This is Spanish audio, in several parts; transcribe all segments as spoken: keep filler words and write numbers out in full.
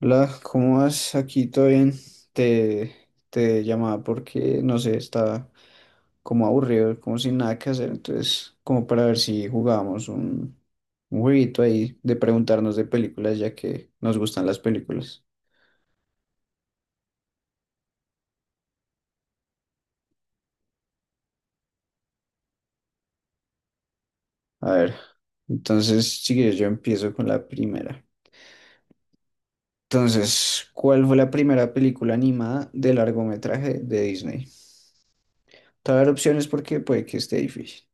Hola, ¿cómo vas? Aquí todo bien. Te, te llamaba porque, no sé, estaba como aburrido, como sin nada que hacer. Entonces, como para ver si jugábamos un, un jueguito ahí de preguntarnos de películas, ya que nos gustan las películas. A ver, entonces, si quieres, yo empiezo con la primera. Entonces, ¿cuál fue la primera película animada de largometraje de Disney? Te voy a dar opciones porque puede que esté difícil.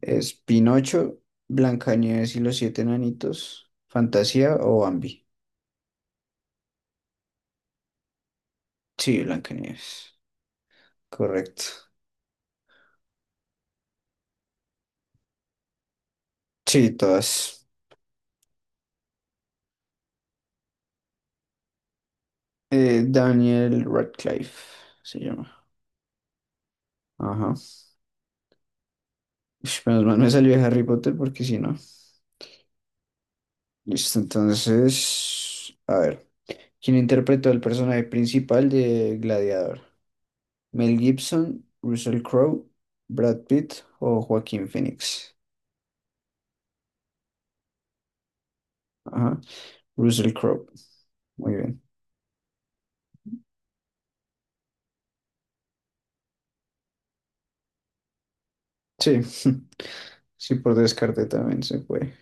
¿Es Pinocho, Blancanieves y los siete enanitos, Fantasía o Bambi? Sí, Blancanieves. Correcto. Sí, todas. Eh, Daniel Radcliffe se llama. Ajá. Ush, menos mal me salió de Harry Potter porque si no. Listo, entonces. A ver. ¿Quién interpretó el personaje principal de Gladiador? Mel Gibson, Russell Crowe, Brad Pitt o Joaquín Phoenix. Ajá. Russell Crowe. Muy bien. Sí. Sí, por descarte también se fue.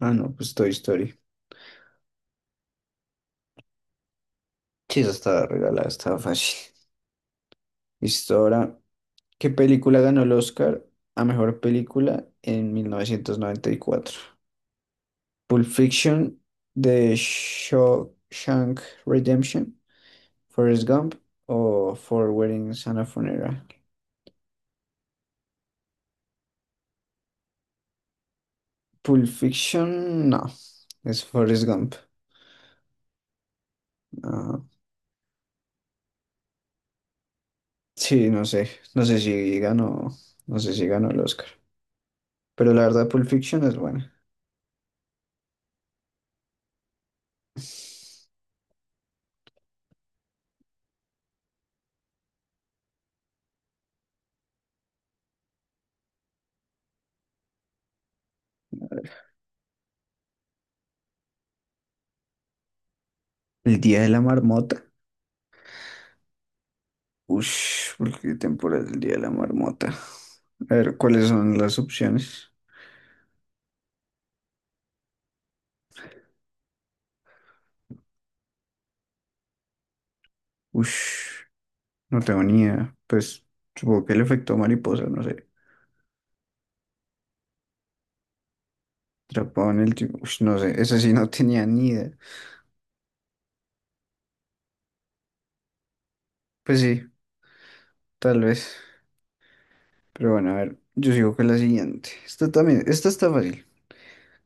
Ah, no, pues Toy Story. Sí, esa estaba regalada, estaba fácil. Listo, ahora, ¿qué película ganó el Oscar a mejor película en mil novecientos noventa y cuatro? Pulp Fiction, The Shawshank Redemption, Forrest Gump o Four Weddings and a Funeral. Pulp Fiction, no, es Forrest Gump. Ah, sí, no sé, no sé si ganó, no sé si ganó el Oscar, pero la verdad Pulp Fiction es buena. El día de la marmota. Ush, ¿por qué temporada es el día de la marmota? A ver, ¿cuáles son las opciones? Ush, no tengo ni idea. Pues supongo que el efecto mariposa, no sé. Atrapado en el tiempo. Ush, no sé, esa sí no tenía ni idea. Pues sí, tal vez. Pero bueno, a ver, yo sigo con la siguiente. Esta también, esta está fácil.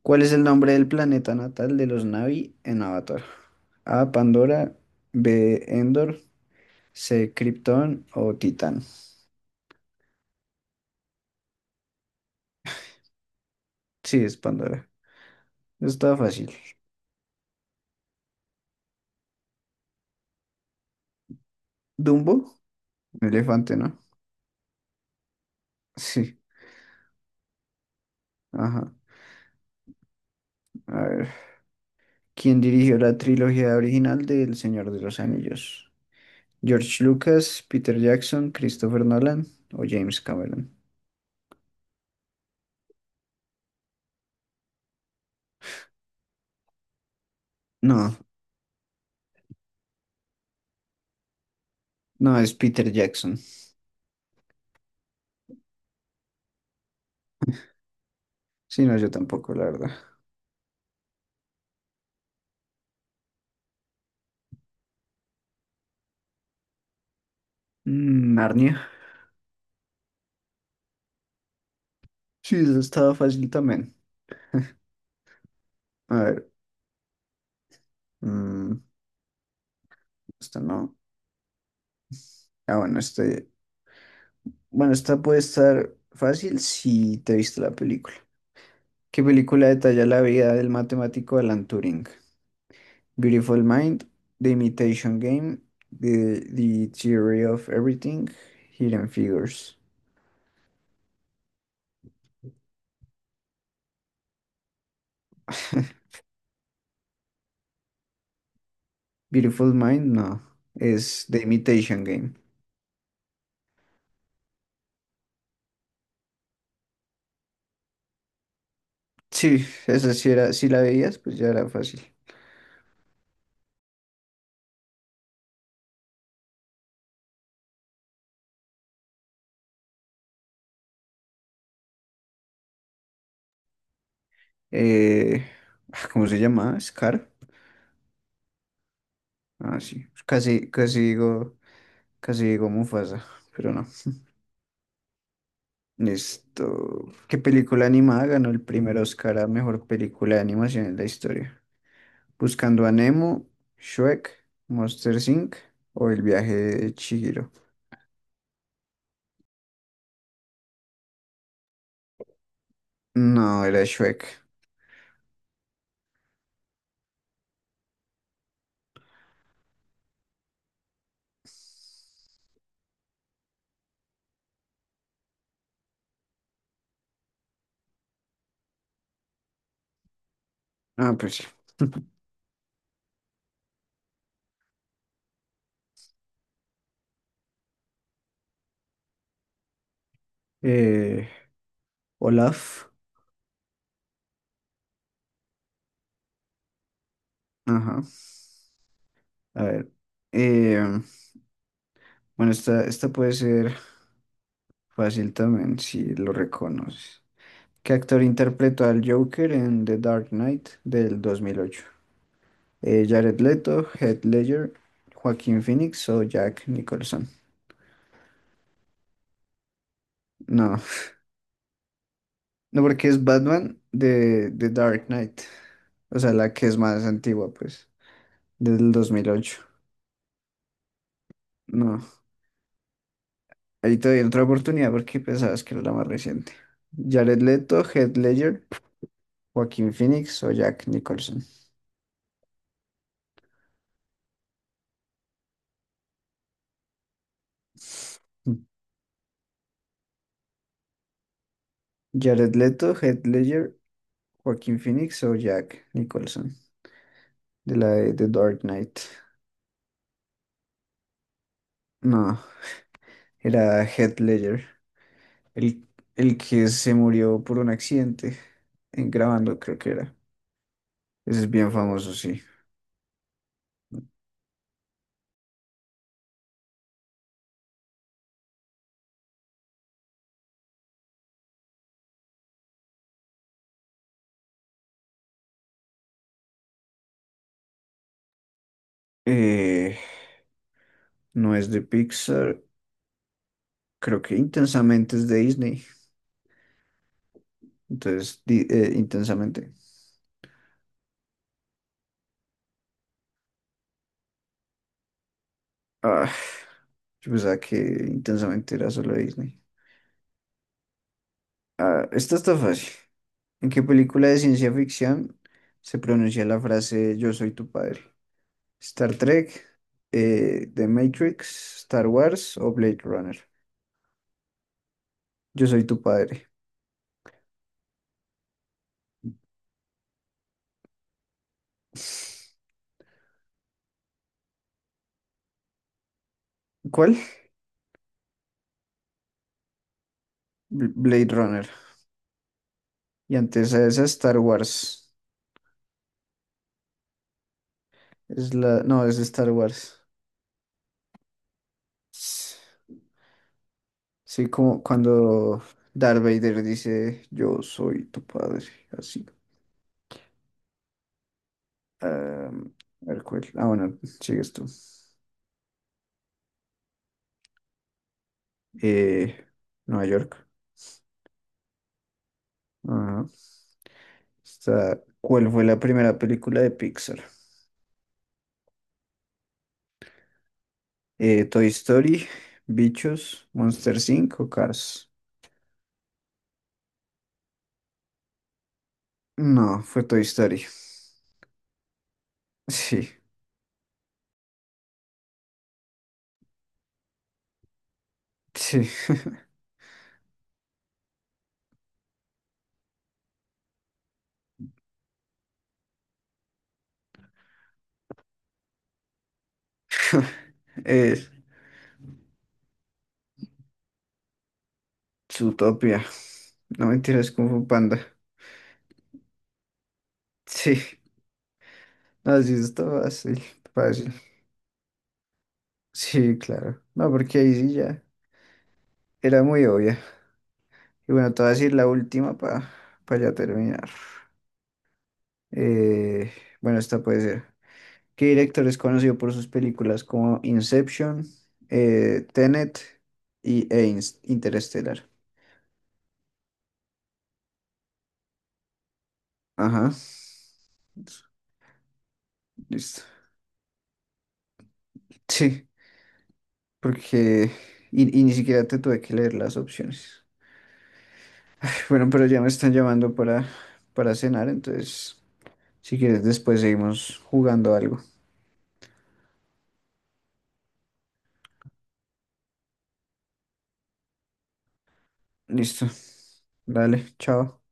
¿Cuál es el nombre del planeta natal de los Na'vi en Avatar? A, Pandora, B, Endor, C, Krypton o Titán. Sí, es Pandora. Está fácil. Dumbo, elefante, ¿no? Sí, ajá. A ver. ¿Quién dirigió la trilogía original de El Señor de los Anillos? ¿George Lucas, Peter Jackson, Christopher Nolan o James Cameron? No, no es Peter Jackson. Sí, no, yo tampoco, la verdad. Mm, Narnia. Sí, eso estaba fácil también. A ver, mm, esta no. Ah, bueno, este. Bueno, esta puede estar fácil si te viste la película. ¿Qué película detalla la vida del matemático Alan Turing? Beautiful Mind, The, Imitation Game, The, The Theory of Everything, Hidden Figures. Beautiful Mind, no, es The Imitation Game. Sí, esa sí era, si la veías, pues ya era fácil. Eh, ah, ¿cómo se llama? Scar. Ah, sí, casi, casi digo, casi digo Mufasa, pero no. Esto, ¿qué película animada ganó el primer Oscar a mejor película de animación en la historia? Buscando a Nemo, Shrek, Monster inc o El viaje de Chihiro. No, era Shrek. Ah, pues sí. Eh, Olaf. Ajá. A ver. Eh, bueno, esta, esta puede ser fácil también si lo reconoces. ¿Qué actor interpretó al Joker en The Dark Knight del dos mil ocho? Eh, Jared Leto, Heath Ledger, Joaquin Phoenix o Jack Nicholson. No. No, porque es Batman de, de Dark Knight. O sea, la que es más antigua, pues, del dos mil ocho. No, ahí te doy otra oportunidad porque pensabas que era la más reciente. Jared Leto, Heath Ledger, Joaquín Phoenix o Jack Nicholson. Jared Leto, Heath Ledger, Joaquín Phoenix o Jack Nicholson. De la de The Dark Knight. No, era Heath Ledger. El, el que se murió por un accidente en grabando, creo que era. Ese es bien famoso, sí. Eh, no es de Pixar, creo que Intensamente es de Disney, entonces di- eh, Intensamente. Ah, yo pensaba que Intensamente era solo de Disney. Ah, esta está fácil. ¿En qué película de ciencia ficción se pronuncia la frase Yo soy tu padre? ¿Star Trek, eh, The Matrix, Star Wars o Blade Runner? Yo soy tu padre. ¿Cuál? Bl- Blade Runner. Y antes a esa Star Wars. Es la... No, es Star Wars. Sí, como cuando Darth Vader dice, yo soy tu padre, así. Am, a ver, ¿cuál? Ah, bueno, sigues tú. Eh, Nueva York. Ajá. Está- ¿cuál fue la primera película de Pixar? Eh, Toy Story, Bichos, Monster inc o Cars. No, fue Toy Story. Sí, sí. Eh, Zootopia. No mentiras, como Panda. Sí, así es, está fácil, fácil. Sí, claro. No, porque ahí sí ya era muy obvia. Y bueno, te voy a decir la última para ya terminar. Eh, bueno, esta puede ser. ¿Qué director es conocido por sus películas como Inception, eh, Tenet y e Ins- Interestelar? Ajá. Listo. Sí, porque... Y, y ni siquiera te tuve que leer las opciones. Bueno, pero ya me están llamando para, para cenar, entonces, si quieres, después seguimos jugando algo. Listo. Dale, chao.